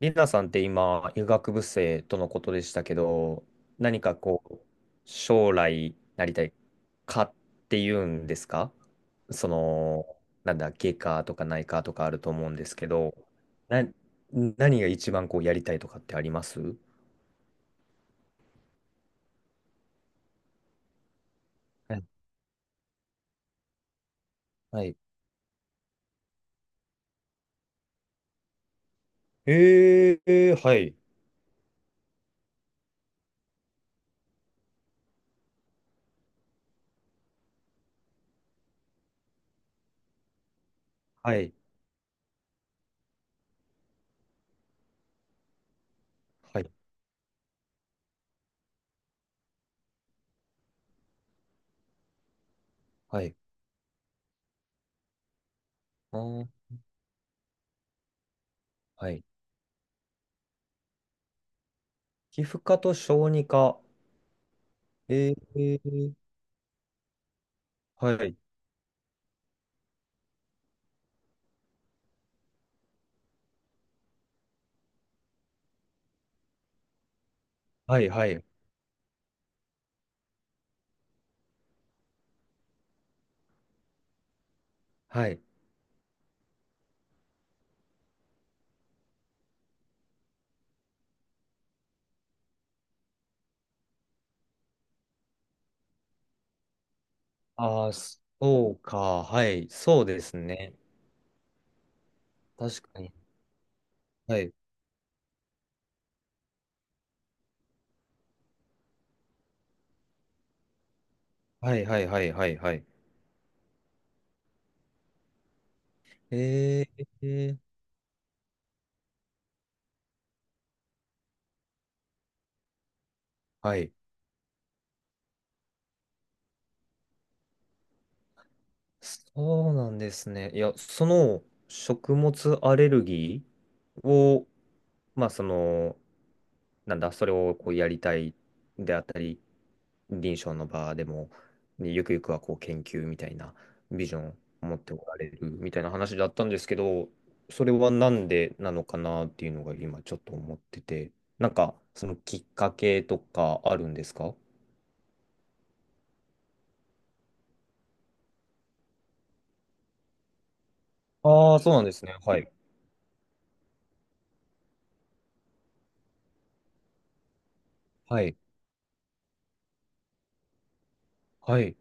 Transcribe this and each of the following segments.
リナさんって今、医学部生とのことでしたけど、何かこう、将来なりたいかっていうんですか。その、なんだ、外科とか内科とかあると思うんですけど、な、何が一番こうやりたいとかってあります？はい。はい。はい。はい。はい。はい。あー、はい。皮膚科と小児科。えー、はい。はい。はい。はい。ああ、そうか。はい。そうですね。確かに。はい。はいはいはいはいはい。えー、えーはい。そうなんですね。いや、その食物アレルギーを、まあその、なんだ、それをこうやりたいであったり、臨床の場でも、ねゆくゆくはこう研究みたいなビジョンを持っておられるみたいな話だったんですけど、それはなんでなのかなっていうのが今ちょっと思ってて、なんかそのきっかけとかあるんですか？ああー、そうなんですね。はい。はい。はい。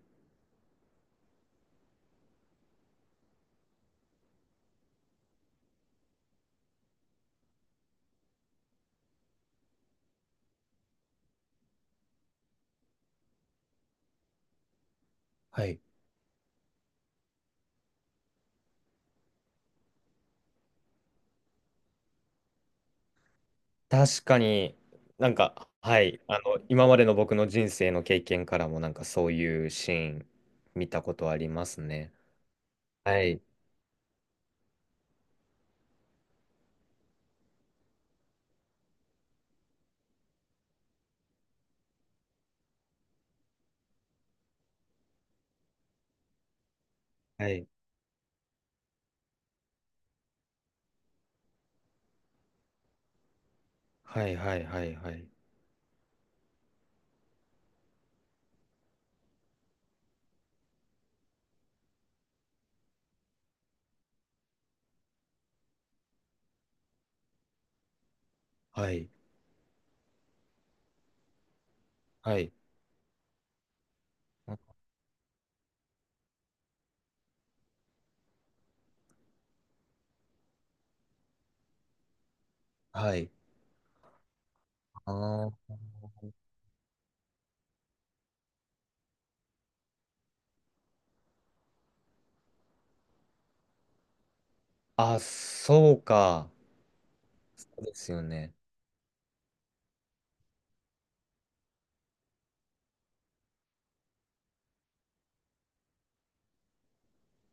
はい。確かに。なんか、はい、あの、今までの僕の人生の経験からもなんかそういうシーン見たことありますね。はい、はい、はいはいはいはい、はい、はい、はい。あーあ、そうか。そうですよね。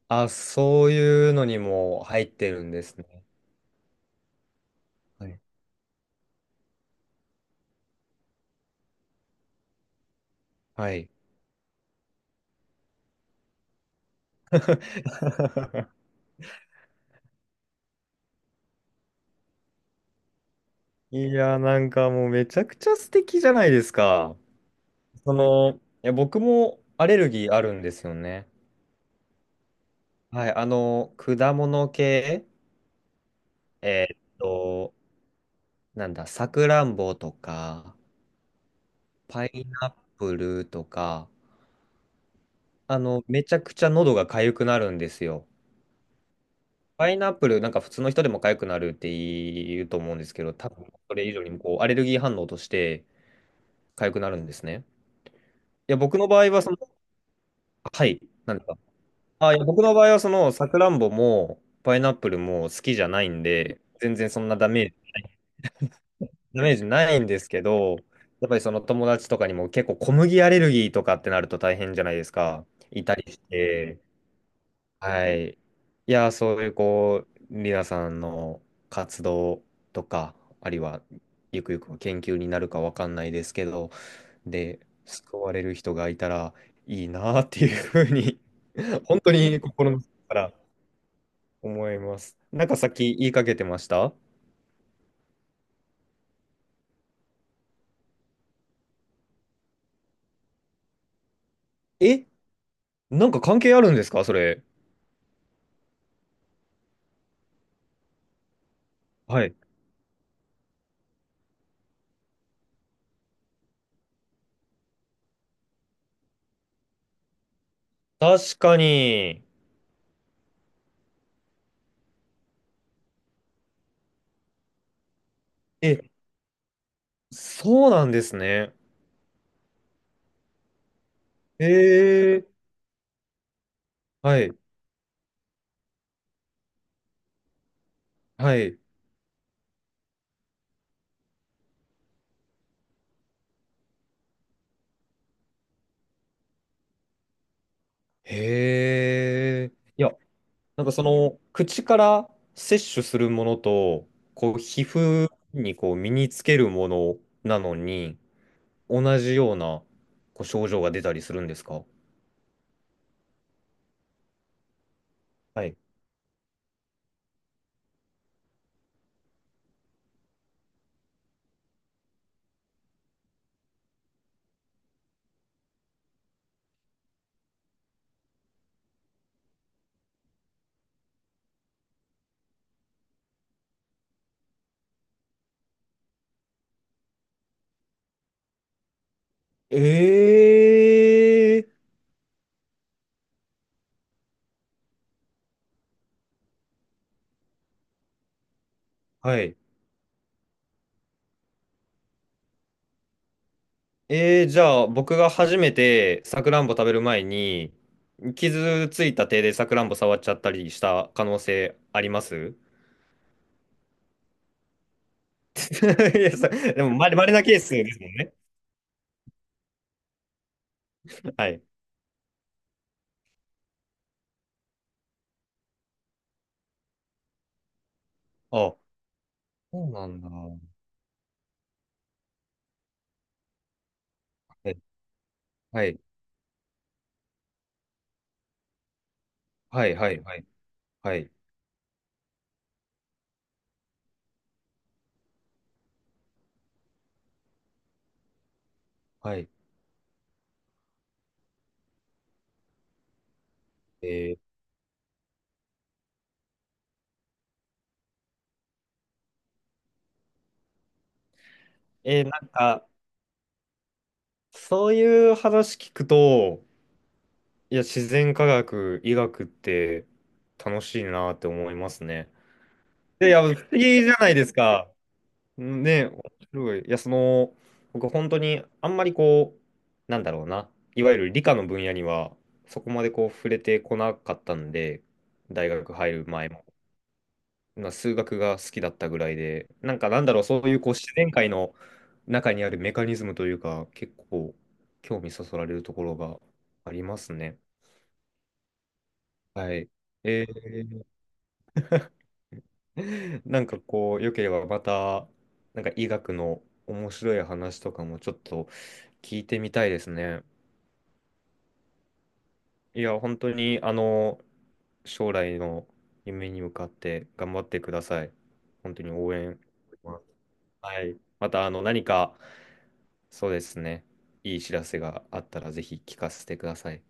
あ、そういうのにも入ってるんですね。はい。はい。いや、なんかもうめちゃくちゃ素敵じゃないですか。その、いや、僕もアレルギーあるんですよね。はい、あの、果物系、えーっと、なんだ、さくらんぼとか、パイナップルとか、あの、めちゃくちゃ喉が痒くなるんですよ。パイナップル、なんか普通の人でも痒くなるって言うと思うんですけど、多分それ以上にもこう、アレルギー反応として痒くなるんですね。いや、僕の場合はその、はい、なんですか。あ、いや、僕の場合はその、さくらんぼも、パイナップルも好きじゃないんで、全然そんなダメージないんですけど、やっぱりその友達とかにも結構小麦アレルギーとかってなると大変じゃないですか。いたりして。はい。いや、そういうこう、リナさんの活動とか、あるいはゆくゆくは研究になるかわかんないですけど、で、救われる人がいたらいいなっていうふうに。 本当に心の底から思います。なんかさっき言いかけてました。え、なんか関係あるんですかそれ。はい。確かに。え、そうなんですね。ええ。はい、はい。へえ。いや、なんかその、口から摂取するものと、こう、皮膚にこう、身につけるものなのに、同じような、こう、症状が出たりするんですか？はい。ええ。はい。えー、じゃあ僕が初めてさくらんぼ食べる前に傷ついた手でさくらんぼ触っちゃったりした可能性あります？ いや、さでもまれ、稀なケースですもんね。はい。あ、そうなんだ。はい。はい。はい。はい。はい。はい。えー、なんか、そういう話聞くと、いや、自然科学、医学って楽しいなって思いますね。でいや、不思議じゃないですか。ね、面白い。僕本当にあんまりこう、なんだろうな、いわゆる理科の分野にはそこまでこう触れてこなかったんで、大学入る前も、まあ、数学が好きだったぐらいで、なんかなんだろう、そういうこう自然界の中にあるメカニズムというか、結構興味そそられるところがありますね。はい。えー。 なんかこう、良ければまた、なんか医学の面白い話とかもちょっと聞いてみたいですね。いや、本当に、あの、将来の夢に向かって頑張ってください。本当に応援してます。はい。また、あの、何か、そうですね、いい知らせがあったら、ぜひ聞かせてください。